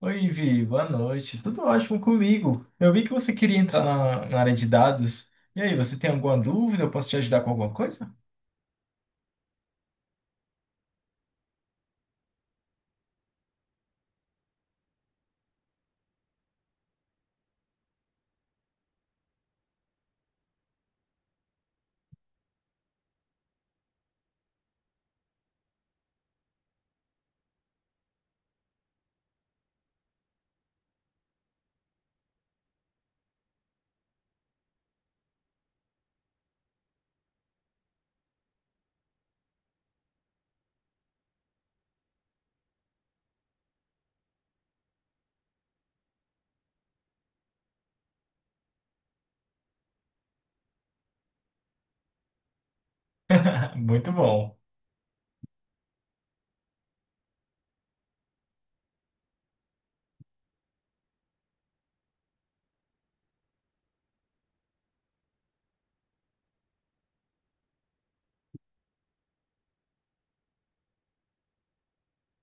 Oi, Vi, boa noite. Tudo ótimo comigo. Eu vi que você queria entrar na área de dados. E aí, você tem alguma dúvida? Eu posso te ajudar com alguma coisa? Muito bom.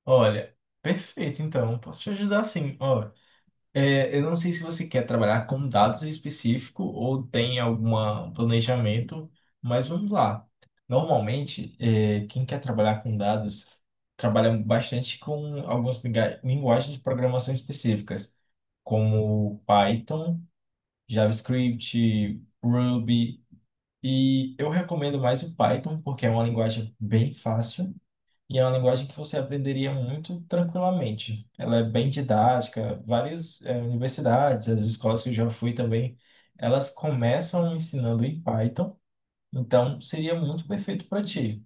Olha, perfeito, então. Posso te ajudar sim. Ó, eu não sei se você quer trabalhar com dados específico ou tem algum planejamento, mas vamos lá. Normalmente, quem quer trabalhar com dados trabalha bastante com algumas linguagens de programação específicas, como Python. JavaScript, Ruby. E eu recomendo mais o Python, porque é uma linguagem bem fácil e é uma linguagem que você aprenderia muito tranquilamente. Ela é bem didática, várias universidades, as escolas que eu já fui também, elas começam ensinando em Python, então seria muito perfeito para ti.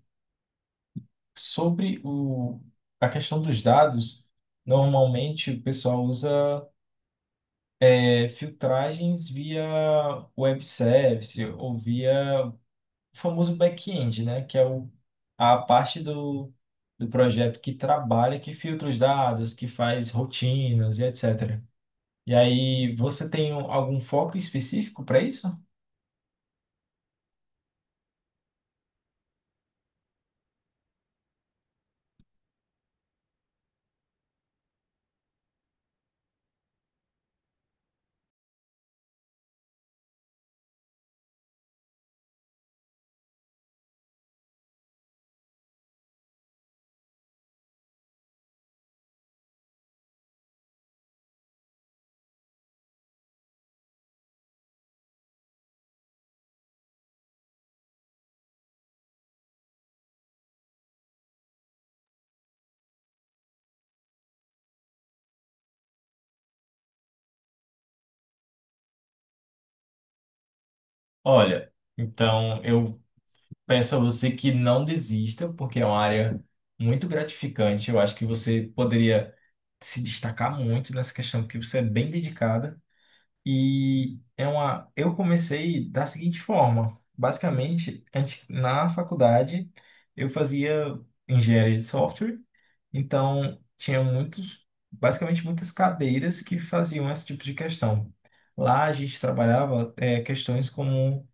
Sobre a questão dos dados, normalmente o pessoal usa filtragens via web service ou via o famoso back-end, né? Que é a parte do projeto que trabalha, que filtra os dados, que faz rotinas e etc. E aí, você tem algum foco específico para isso? Olha, então eu peço a você que não desista, porque é uma área muito gratificante. Eu acho que você poderia se destacar muito nessa questão, porque você é bem dedicada. E é uma. Eu comecei da seguinte forma: basicamente, antes, na faculdade, eu fazia engenharia de software, então tinha muitos, basicamente, muitas cadeiras que faziam esse tipo de questão. Lá a gente trabalhava questões como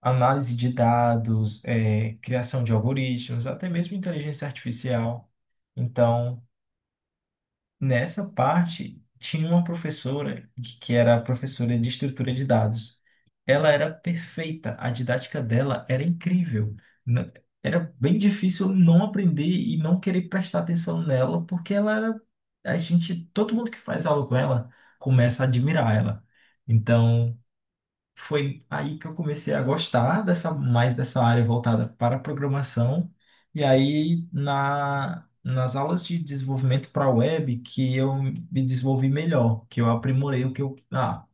análise de dados, criação de algoritmos, até mesmo inteligência artificial. Então, nessa parte, tinha uma professora que era professora de estrutura de dados. Ela era perfeita, a didática dela era incrível. N- Era bem difícil não aprender e não querer prestar atenção nela, porque ela era a gente, todo mundo que faz aula com ela começa a admirar ela. Então, foi aí que eu comecei a gostar dessa mais dessa área voltada para a programação. E aí na nas aulas de desenvolvimento para web que eu me desenvolvi melhor, que eu aprimorei o que eu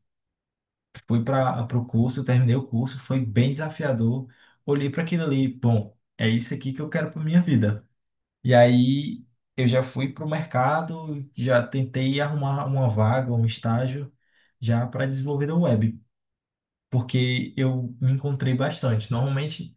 fui para o curso, terminei o curso, foi bem desafiador. Olhei para aquilo ali, bom, é isso aqui que eu quero para minha vida. E aí eu já fui para o mercado, já tentei arrumar uma vaga, um estágio já para desenvolvedor web porque eu me encontrei bastante. Normalmente,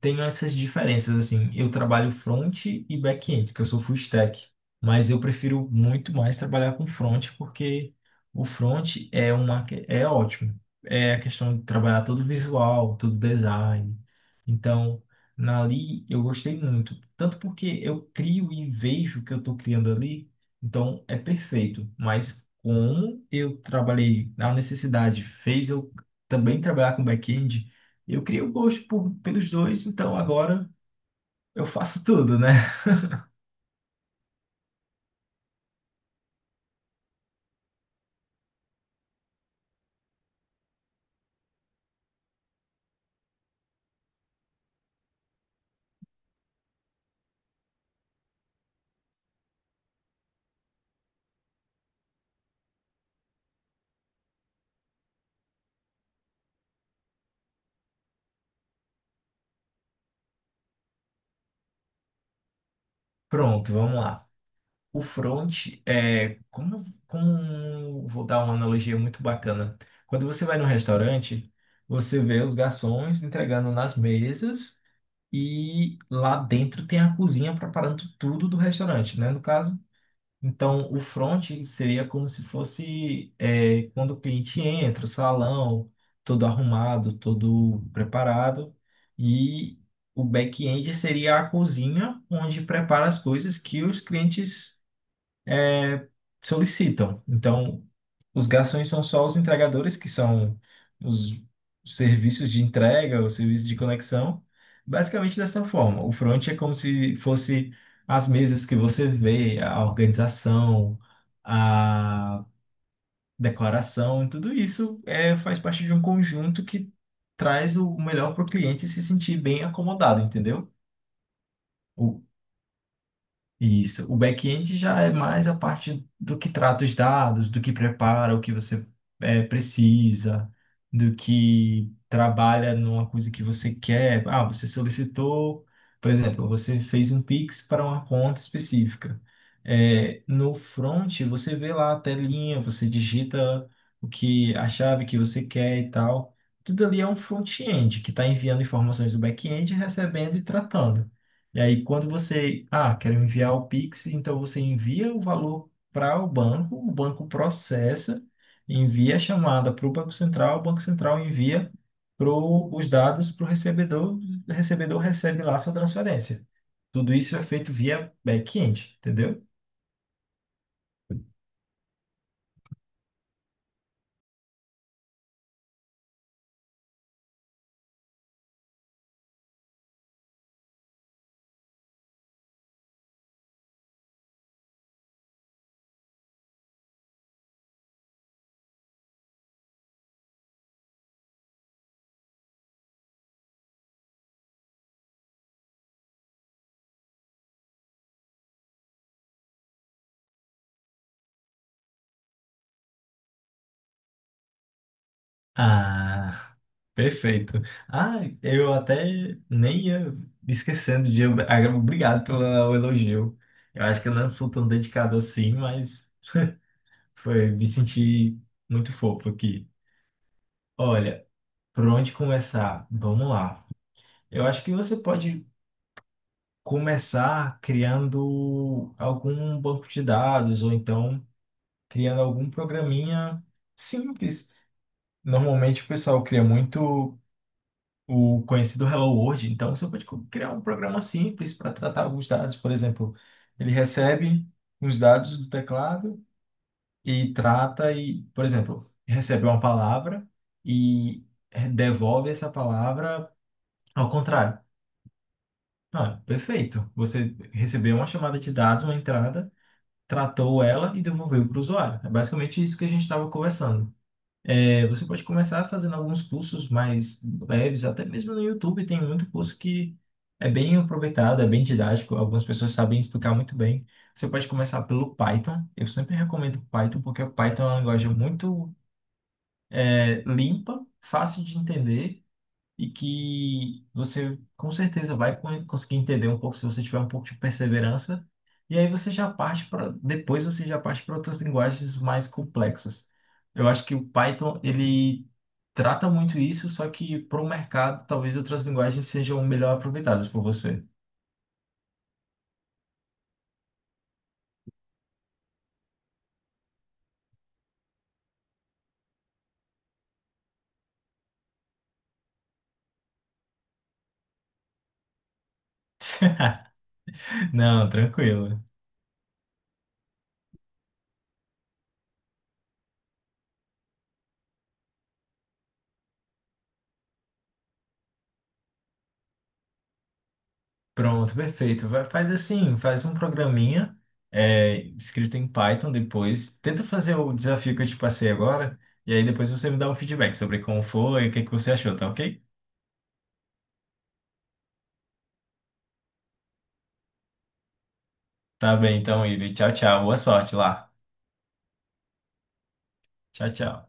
tenho essas diferenças, assim, eu trabalho front e back-end, porque eu sou full stack, mas eu prefiro muito mais trabalhar com front, porque o front é uma, é ótimo, é a questão de trabalhar todo visual, todo design, então, na ali eu gostei muito, tanto porque eu crio e vejo o que eu estou criando ali, então é perfeito, mas como eu trabalhei, a necessidade fez eu também trabalhar com back-end, e eu criei o gosto pelos dois, então agora eu faço tudo, né? Pronto, vamos lá. O front é como, como vou dar uma analogia muito bacana. Quando você vai num restaurante, você vê os garçons entregando nas mesas e lá dentro tem a cozinha preparando tudo do restaurante, né? No caso, então, o front seria como se fosse quando o cliente entra, o salão, todo arrumado, todo preparado. E o back-end seria a cozinha, onde prepara as coisas que os clientes é, solicitam. Então, os garçons são só os entregadores, que são os serviços de entrega, os serviços de conexão, basicamente dessa forma. O front é como se fosse as mesas que você vê, a organização, a decoração, tudo isso faz parte de um conjunto que traz o melhor para o cliente se sentir bem acomodado, entendeu? O, Isso. O back-end já é mais a parte do que trata os dados, do que prepara, o que você precisa, do que trabalha numa coisa que você quer. Ah, você solicitou, por exemplo, você fez um Pix para uma conta específica. No front, você vê lá a telinha, você digita o que a chave que você quer e tal. Tudo ali é um front-end que está enviando informações do back-end, recebendo e tratando. E aí, quando você, ah, quero enviar o Pix, então você envia o valor para o banco processa, envia a chamada para o Banco Central envia pro, os dados para o recebedor recebe lá a sua transferência. Tudo isso é feito via back-end, entendeu? Ah, perfeito. Ah, eu até nem ia esquecendo de. Agora, obrigado pelo elogio. Eu acho que eu não sou tão dedicado assim, mas. Foi, me senti muito fofo aqui. Olha, por onde começar? Vamos lá. Eu acho que você pode começar criando algum banco de dados ou então criando algum programinha simples. Normalmente o pessoal cria muito o conhecido Hello World, então você pode criar um programa simples para tratar alguns dados. Por exemplo, ele recebe os dados do teclado e trata e, por exemplo, recebe uma palavra e devolve essa palavra ao contrário. Ah, perfeito. Você recebeu uma chamada de dados, uma entrada, tratou ela e devolveu para o usuário. É basicamente isso que a gente estava conversando. É, você pode começar fazendo alguns cursos mais leves, até mesmo no YouTube tem muito curso que é bem aproveitado, é bem didático, algumas pessoas sabem explicar muito bem. Você pode começar pelo Python. Eu sempre recomendo Python porque o Python é uma linguagem muito é limpa, fácil de entender e que você com certeza vai conseguir entender um pouco se você tiver um pouco de perseverança. E aí você já parte para depois você já parte para outras linguagens mais complexas. Eu acho que o Python ele trata muito isso, só que para o mercado talvez outras linguagens sejam melhor aproveitadas por você. Não, tranquilo. Pronto, perfeito. Faz assim, faz um programinha escrito em Python depois. Tenta fazer o desafio que eu te passei agora. E aí depois você me dá um feedback sobre como foi, o que que você achou, tá ok? Tá bem, então, Ivi. Tchau, tchau. Boa sorte lá. Tchau, tchau.